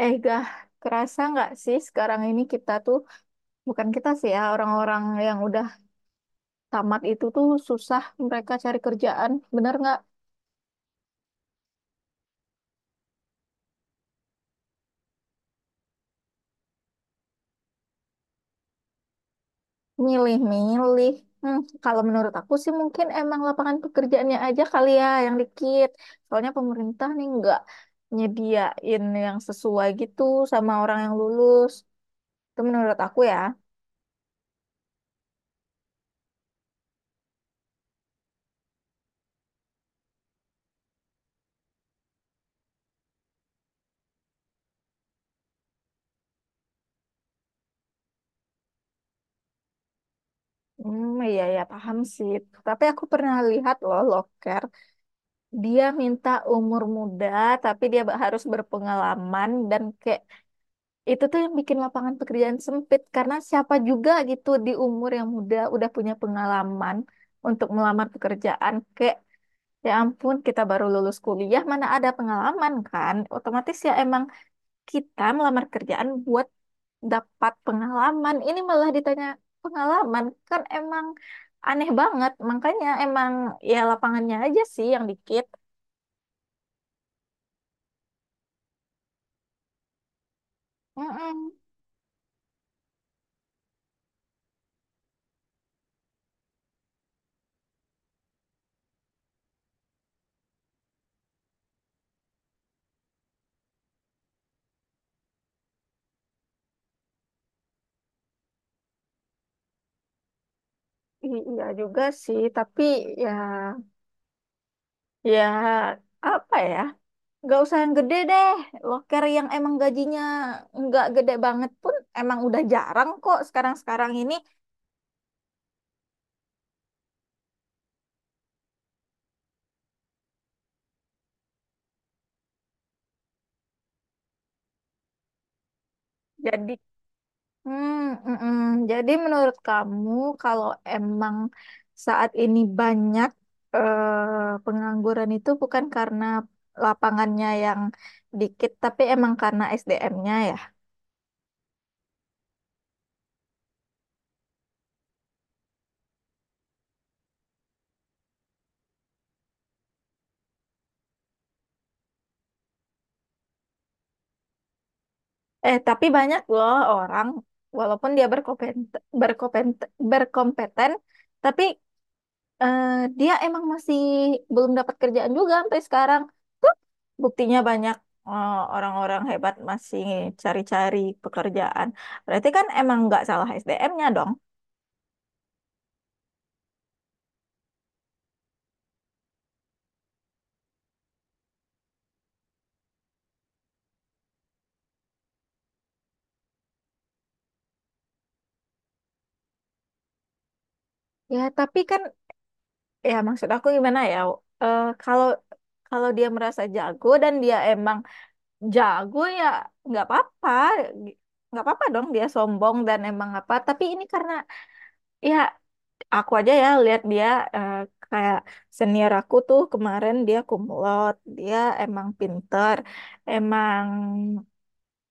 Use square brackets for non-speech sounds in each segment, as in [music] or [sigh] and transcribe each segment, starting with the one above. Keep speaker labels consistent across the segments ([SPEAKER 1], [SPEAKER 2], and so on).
[SPEAKER 1] Eh, kerasa nggak sih sekarang ini kita tuh, bukan kita sih ya, orang-orang yang udah tamat itu tuh susah mereka cari kerjaan. Bener nggak? Milih-milih. Hmm, Kalau menurut aku sih mungkin emang lapangan pekerjaannya aja kali ya yang dikit. Soalnya pemerintah nih nggak nyediain yang sesuai gitu sama orang yang lulus. Itu menurut aku ya. Hmm, iya ya paham sih. Tapi aku pernah lihat loh, loker. Dia minta umur muda tapi dia harus berpengalaman dan kayak itu tuh yang bikin lapangan pekerjaan sempit karena siapa juga gitu di umur yang muda udah punya pengalaman untuk melamar pekerjaan kayak ya ampun, kita baru lulus kuliah, mana ada pengalaman, kan otomatis ya emang kita melamar kerjaan buat dapat pengalaman, ini malah ditanya pengalaman, kan emang aneh banget, makanya emang ya lapangannya aja sih yang dikit. Mm-mm. Iya juga sih, tapi ya ya apa ya? Nggak usah yang gede deh. Loker yang emang gajinya nggak gede banget pun emang udah jarang kok sekarang-sekarang ini. Jadi, hmm, mm, mm. Jadi menurut kamu kalau emang saat ini banyak pengangguran itu bukan karena lapangannya yang dikit, tapi emang karena SDM-nya. Eh, tapi banyak loh orang, walaupun dia berkompeten, berkompeten, berkompeten, tapi eh, dia emang masih belum dapat kerjaan juga sampai sekarang. Tuh, buktinya banyak orang-orang hebat masih cari-cari pekerjaan. Berarti kan emang nggak salah SDM-nya dong. Ya, tapi kan, ya maksud aku gimana ya, kalau kalau dia merasa jago dan dia emang jago ya nggak apa-apa, nggak apa-apa dong dia sombong dan emang apa, tapi ini karena ya aku aja ya lihat dia, eh, kayak senior aku tuh kemarin dia kumlot, dia emang pinter, emang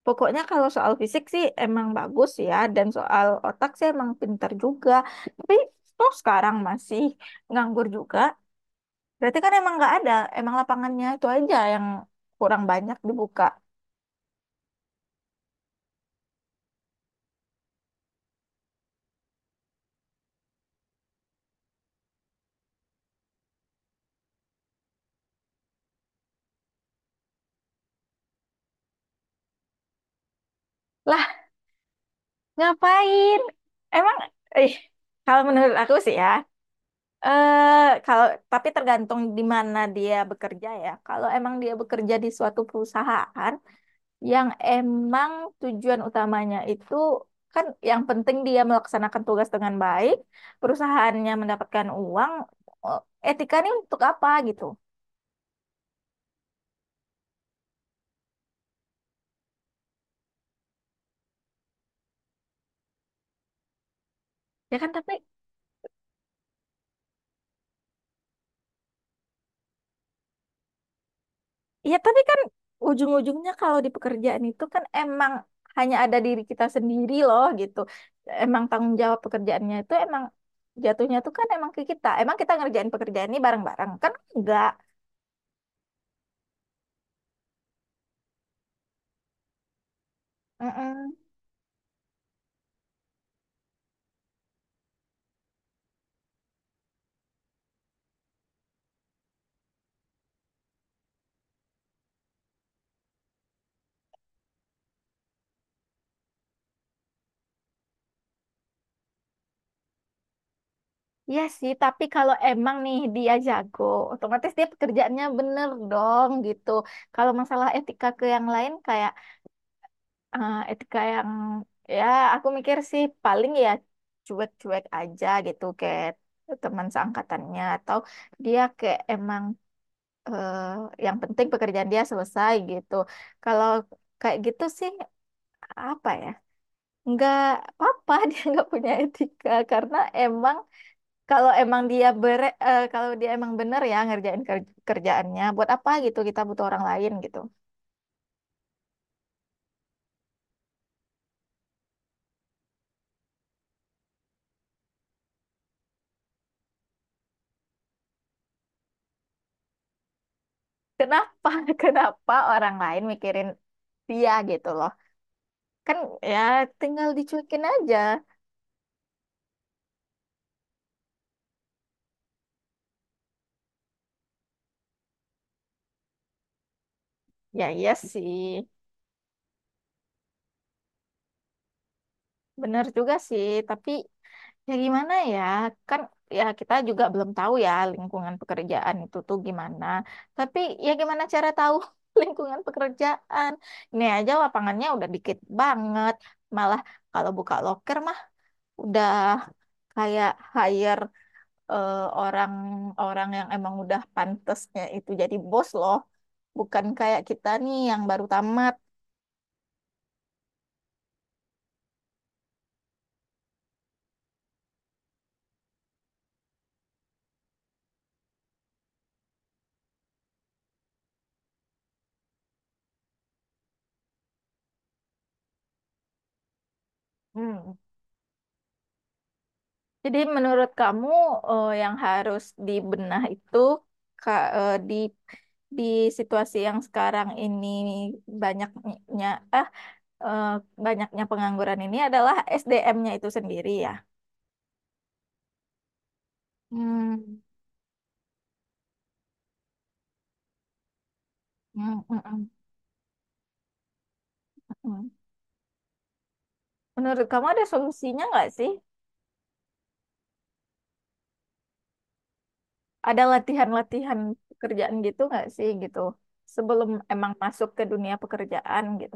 [SPEAKER 1] pokoknya kalau soal fisik sih emang bagus ya, dan soal otak sih emang pinter juga, tapi toh sekarang masih nganggur juga, berarti kan emang nggak ada, emang lapangannya itu aja yang kurang banyak dibuka. Lah. Ngapain? Emang, eh, kalau menurut aku sih ya, kalau tapi tergantung di mana dia bekerja ya. Kalau emang dia bekerja di suatu perusahaan yang emang tujuan utamanya itu kan yang penting dia melaksanakan tugas dengan baik, perusahaannya mendapatkan uang, eh, etika ini untuk apa gitu? Ya kan, tapi iya, tapi kan ujung-ujungnya kalau di pekerjaan itu kan emang hanya ada diri kita sendiri loh gitu. Emang tanggung jawab pekerjaannya itu emang jatuhnya tuh kan emang ke kita. Emang kita ngerjain pekerjaan ini bareng-bareng kan enggak. Mm. Iya sih, tapi kalau emang nih dia jago, otomatis dia pekerjaannya bener dong gitu. Kalau masalah etika ke yang lain kayak etika yang ya aku mikir sih paling ya cuek-cuek aja gitu, kayak teman seangkatannya atau dia kayak emang, eh, yang penting pekerjaan dia selesai gitu. Kalau kayak gitu sih apa ya? Nggak apa-apa [laughs] dia nggak punya etika karena emang kalau emang dia kalau dia emang bener ya ngerjain kerjaannya buat apa gitu, kita butuh orang lain gitu. Kenapa [laughs] kenapa orang lain mikirin dia gitu loh. Kan ya tinggal dicuekin aja. Ya iya sih, bener juga sih. Tapi ya gimana ya, kan ya kita juga belum tahu ya lingkungan pekerjaan itu tuh gimana. Tapi ya gimana cara tahu [laughs] lingkungan pekerjaan. Ini aja lapangannya udah dikit banget. Malah kalau buka loker mah udah kayak hire, eh, orang-orang yang emang udah pantesnya itu jadi bos loh. Bukan kayak kita nih yang baru tamat. Hmm. Jadi menurut kamu, yang harus dibenah itu ka- eh, di di situasi yang sekarang ini banyaknya ah eh, banyaknya pengangguran ini adalah SDM-nya itu sendiri ya. Hmm. Hmm, mm, mm, mm. Menurut kamu ada solusinya nggak sih? Ada latihan-latihan pekerjaan gitu nggak sih gitu sebelum emang masuk ke dunia pekerjaan gitu?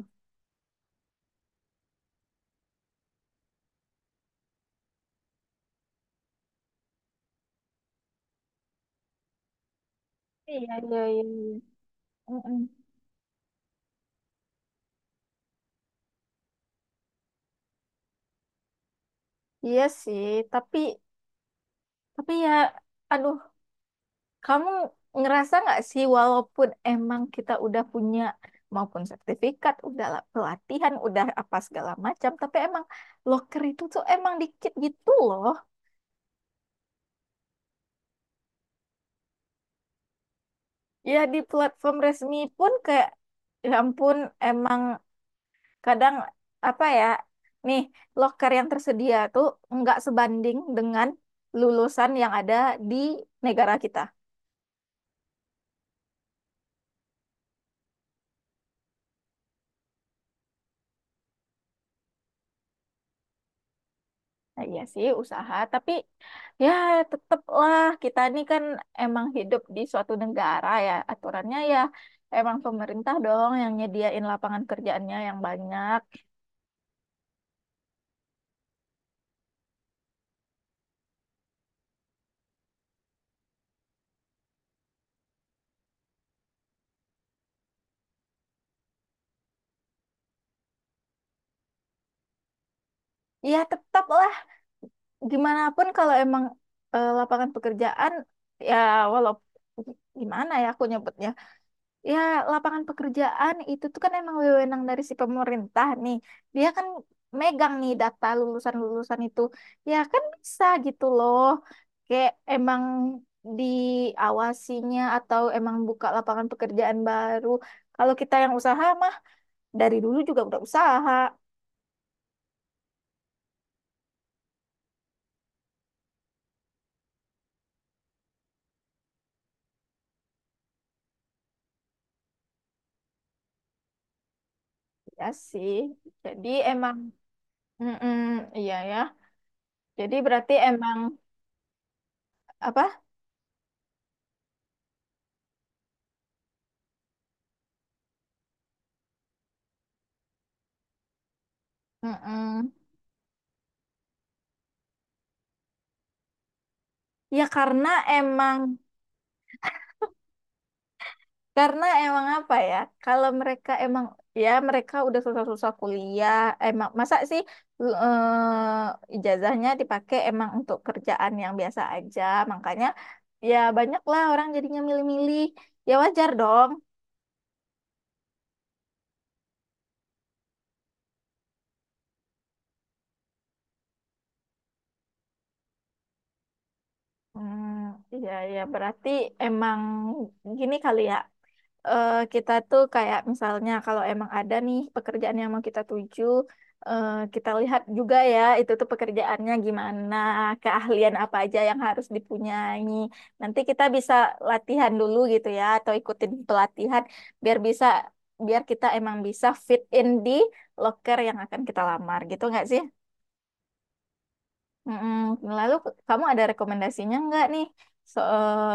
[SPEAKER 1] Iya, iya, iya. Iya. Mm-mm. Iya sih, tapi tapi ya, aduh. Kamu ngerasa nggak sih walaupun emang kita udah punya maupun sertifikat, udah lah pelatihan, udah apa segala macam, tapi emang loker itu tuh emang dikit gitu loh. Ya di platform resmi pun kayak ya ampun, emang kadang apa ya, nih loker yang tersedia tuh nggak sebanding dengan lulusan yang ada di negara kita. Nah, iya sih usaha, tapi ya tetaplah kita ini kan emang hidup di suatu negara, ya aturannya ya emang pemerintah dong yang nyediain lapangan kerjaannya yang banyak. Ya tetaplah gimana pun kalau emang lapangan pekerjaan ya walau gimana ya aku nyebutnya. Ya, lapangan pekerjaan itu tuh kan emang wewenang dari si pemerintah nih. Dia kan megang nih data lulusan-lulusan itu. Ya kan bisa gitu loh. Kayak emang diawasinya atau emang buka lapangan pekerjaan baru. Kalau kita yang usaha mah dari dulu juga udah usaha. Ya sih. Jadi emang, mm, iya ya. Jadi berarti emang apa? mm Ya karena emang, karena emang apa ya, kalau mereka emang ya mereka udah susah-susah kuliah, emang masa sih ijazahnya dipakai emang untuk kerjaan yang biasa aja, makanya ya banyak lah orang jadinya milih-milih, ya wajar dong. Hmm, Ya ya berarti emang gini kali ya. Kita tuh kayak misalnya kalau emang ada nih pekerjaan yang mau kita tuju, kita lihat juga ya itu tuh pekerjaannya gimana, keahlian apa aja yang harus dipunyai. Nanti kita bisa latihan dulu gitu ya, atau ikutin pelatihan biar bisa, biar kita emang bisa fit in di loker yang akan kita lamar gitu nggak sih? Mm-mm. Lalu kamu ada rekomendasinya nggak nih? So,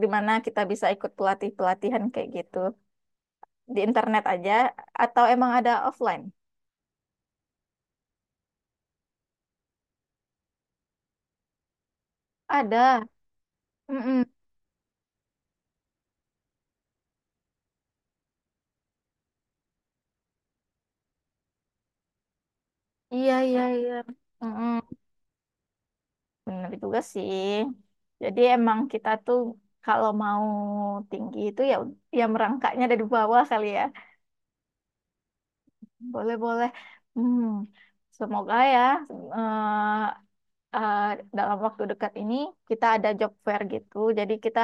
[SPEAKER 1] di mana kita bisa ikut pelatih-pelatihan kayak gitu? Di internet aja atau emang ada offline? Ada. Mm-mm. Iya, iya, iya. Mm-mm. Bener juga sih. Jadi emang kita tuh kalau mau tinggi itu ya, ya merangkaknya dari bawah kali ya. Boleh, boleh. Hmm. Semoga ya eh, eh, dalam waktu dekat ini kita ada job fair gitu. Jadi kita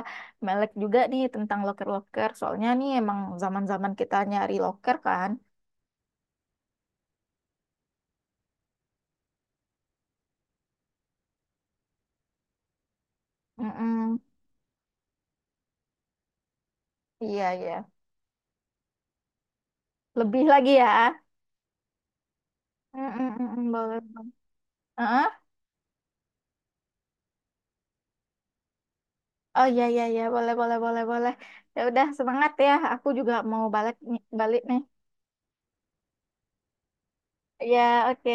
[SPEAKER 1] melek juga nih tentang loker-loker. Soalnya nih emang zaman-zaman kita nyari loker kan. Mm-mm. Iya, iya. Lebih lagi ya. Mm, mm, mm, mm, boleh. Heeh. Oh ya ya ya, boleh boleh boleh boleh. Ya udah semangat ya. Aku juga mau balik nih. Ya, oke.